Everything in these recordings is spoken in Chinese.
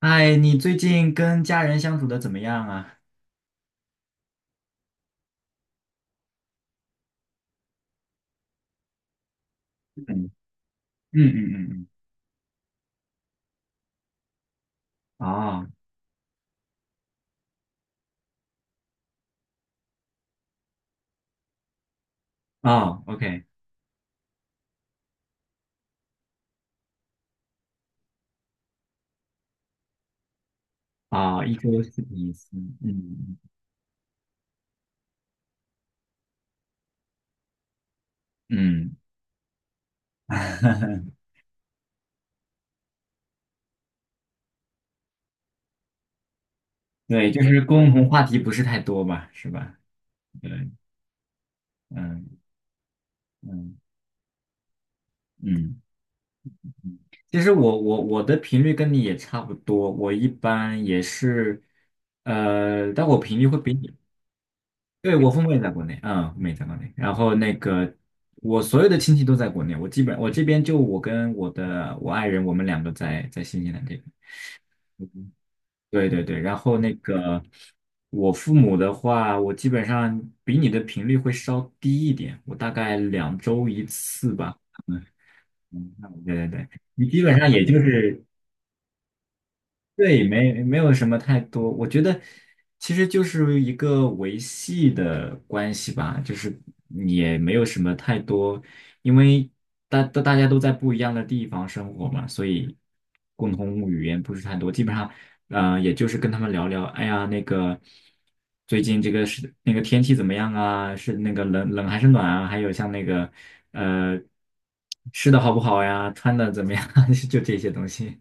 哎，你最近跟家人相处的怎么样啊？嗯嗯嗯嗯嗯，哦哦，OK，哦，一周四天一次，嗯嗯嗯 对，就是共同话题不是太多吧，是吧？对，嗯嗯嗯嗯，其实我的频率跟你。也差不多，我一般也是，但我频率会比你对，我父母也在国内，嗯，父母也在国内。然后那个，我所有的亲戚都在国内，我基本我这边就我跟我爱人，我们两个在新西兰这边。嗯对对对，然后那个我父母的话，我基本上比你的频率会稍低一点，我大概两周一次吧。嗯，嗯对对对，你基本上也就是对，没有什么太多，我觉得其实就是一个维系的关系吧，就是也没有什么太多，因为大家都在不一样的地方生活嘛，所以共同语言不是太多，基本上，也就是跟他们聊聊，哎呀，那个最近这个是那个天气怎么样啊？是那个冷还是暖啊？还有像那个呃吃的好不好呀？穿的怎么样啊？就这些东西，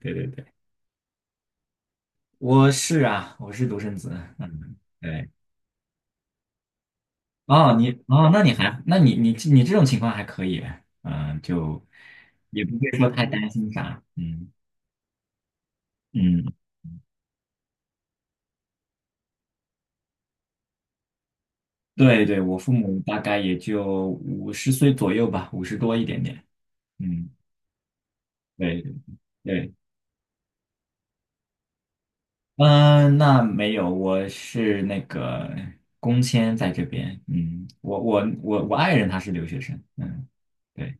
对对对。我是啊，我是独生子，嗯，对，哦，你哦，那你还，那你你这种情况还可以，嗯，就也不会说太担心啥，嗯嗯，对对，我父母大概也就五十岁左右吧，五十多一点点，嗯，对对对，嗯，那没有，我是那个工签在这边，嗯，我爱人他是留学生，嗯，对，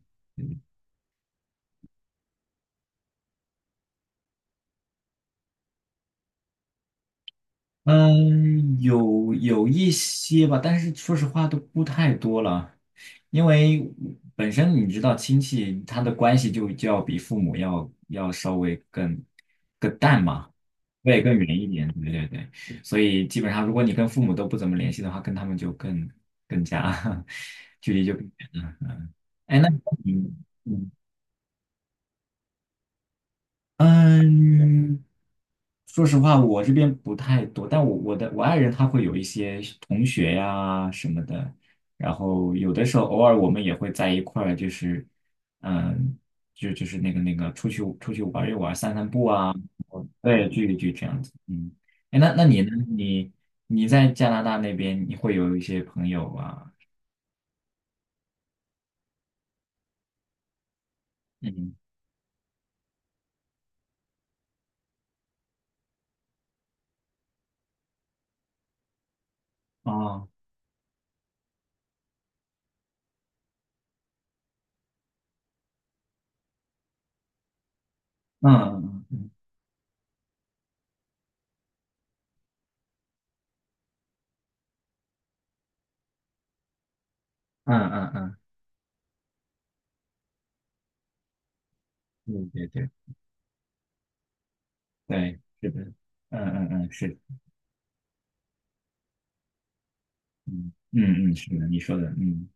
嗯，有一些吧，但是说实话都不太多了，因为本身你知道亲戚他的关系就要比父母要稍微更淡嘛，对，更远一点，对对对，所以基本上如果你跟父母都不怎么联系的话，跟他们就更加 距离就更远了。哎，那你嗯嗯，说实话，我这边不太多，但我的我爱人他会有一些同学呀什么的，然后有的时候偶尔我们也会在一块儿，就是嗯，就是那个出去玩一玩，散散步啊，对，聚一聚这样子。嗯，哎，那你呢？你你在加拿大那边，你会有一些朋友啊？嗯，哦，嗯嗯嗯嗯嗯嗯嗯，嗯对对对，是的，嗯嗯嗯，是的。嗯嗯，嗯，是的，你说的，嗯，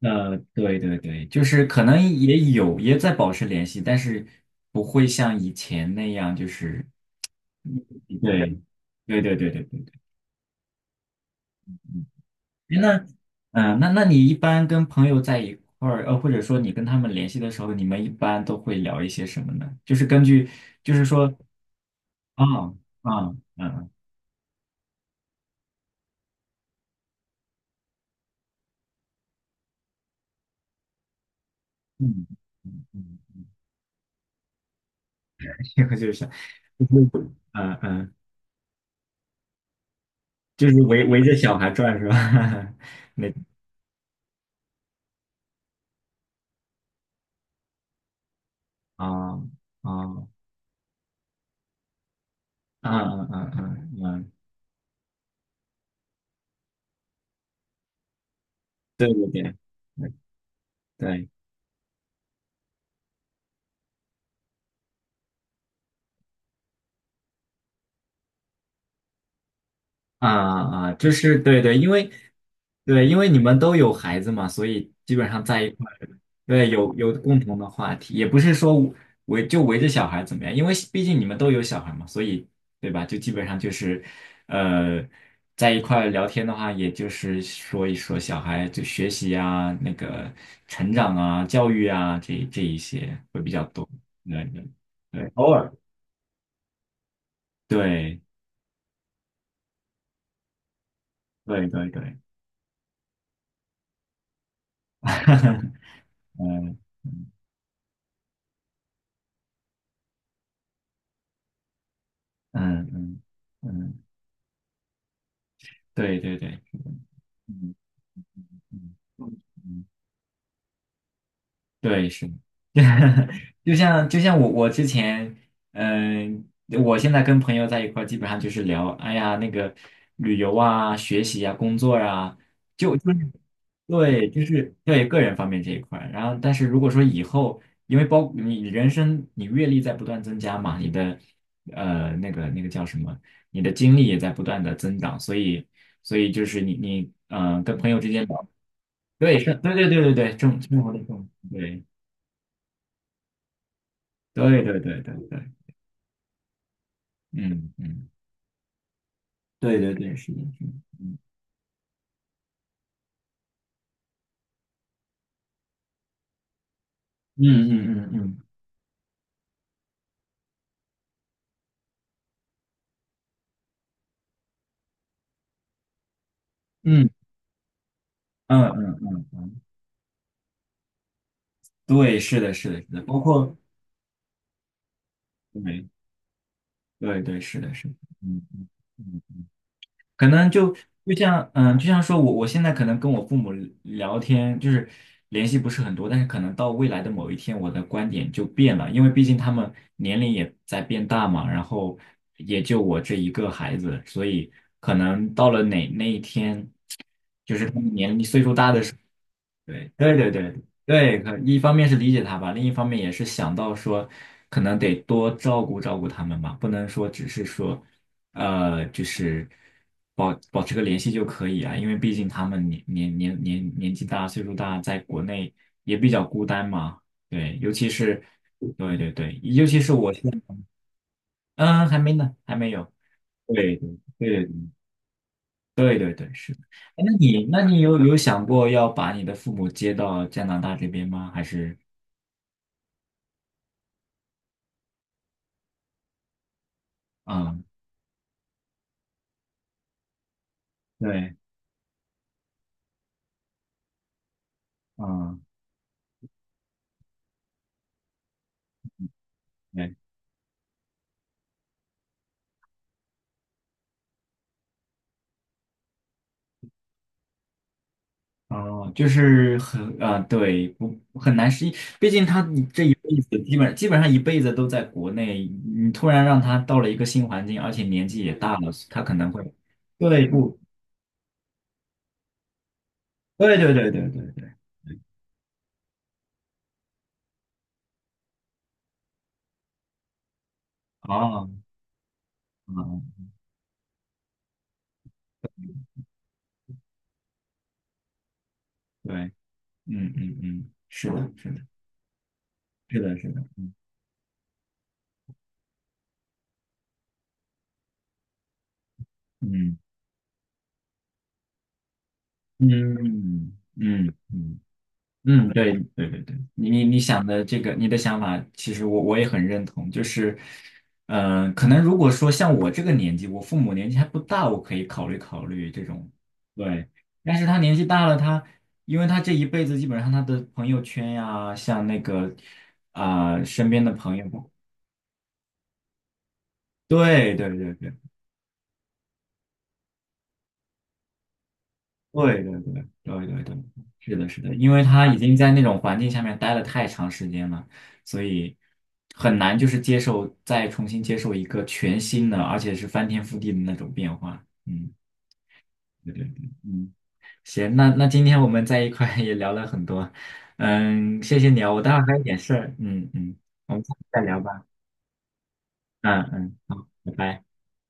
对对对，就是可能也有也在保持联系，但是不会像以前那样，就是对，对对对对对对，嗯，诶那，那你一般跟朋友在一块儿，或者说你跟他们联系的时候，你们一般都会聊一些什么呢？就是根据，就是说，啊啊嗯嗯嗯嗯，这个就是，嗯嗯，就是围着小孩转是吧？那啊啊嗯嗯嗯嗯嗯，对对对，对。啊啊，就是对对，因为对，因为你们都有孩子嘛，所以基本上在一块儿，对，有共同的话题，也不是说围着小孩怎么样，因为毕竟你们都有小孩嘛，所以对吧？就基本上就是，呃，在一块儿聊天的话，也就是说一说小孩就学习啊、那个成长啊、教育啊这一些会比较多，对对对，偶尔，对对对对，嗯。嗯嗯嗯，对对对，嗯嗯嗯。对，是，就像我之前，嗯、我现在跟朋友在一块儿，基本上就是聊，哎呀，那个旅游啊、学习啊、工作啊，就是对，就是对个人方面这一块儿然后，但是如果说以后，因为包你人生你阅历在不断增加嘛，你的那个叫什么，你的经历也在不断的增长，所以就是你跟朋友之间聊，对，是，对对对对对，这种生活的这种对。对对对对对，嗯嗯，对对对，是的，是的嗯嗯嗯嗯嗯嗯嗯嗯嗯嗯对，是的，是的，是的，包括对对对，是的，是的，嗯嗯嗯，可能就嗯，就像说我现在可能跟我父母聊天，就是联系不是很多，但是可能到未来的某一天，我的观点就变了，因为毕竟他们年龄也在变大嘛，然后也就我这一个孩子，所以可能到了哪那一天。对对对对对，可一方面是理解他吧，另一方面也是想到说，可能得多照顾照顾他们吧，不能说只是说，就是保持个联系就可以啊，因为毕竟他们年纪大，岁数大，在国内也比较孤单嘛，对，尤其是对对对，尤其是我现在，嗯，还没呢，还没有，对对对对对对，是。哎那你有想过要把你的父母接到加拿大这边吗？还是？啊，对，啊，对，哦，就是很，啊，对，不很难适应，毕竟他这一辈子基本上一辈子都在国内，你突然让他到了一个新环境，而且年纪也大了，他可能会，对，不，对对对对对对，哦，哦对，嗯嗯嗯，是的，是的，是的，是的，嗯嗯嗯嗯。嗯，对对对对，你想的这个，你的想法，其实我也很认同。就是，嗯、可能如果说像我这个年纪，我父母年纪还不大，我可以考虑考虑这种，对。但是他年纪大了，他因为他这一辈子基本上他的朋友圈呀、像那个啊、身边的朋友，对对对对对对对对对对，是的，是的，因为他已经在那种环境下面待了太长时间了，所以很难就是接受，再重新接受一个全新的，而且是翻天覆地的那种变化。嗯，对对对，嗯，行，那今天我们在一块也聊了很多，嗯，谢谢你啊，我待会儿还有点事儿，嗯嗯，我们下次再聊吧，嗯嗯，好，拜拜。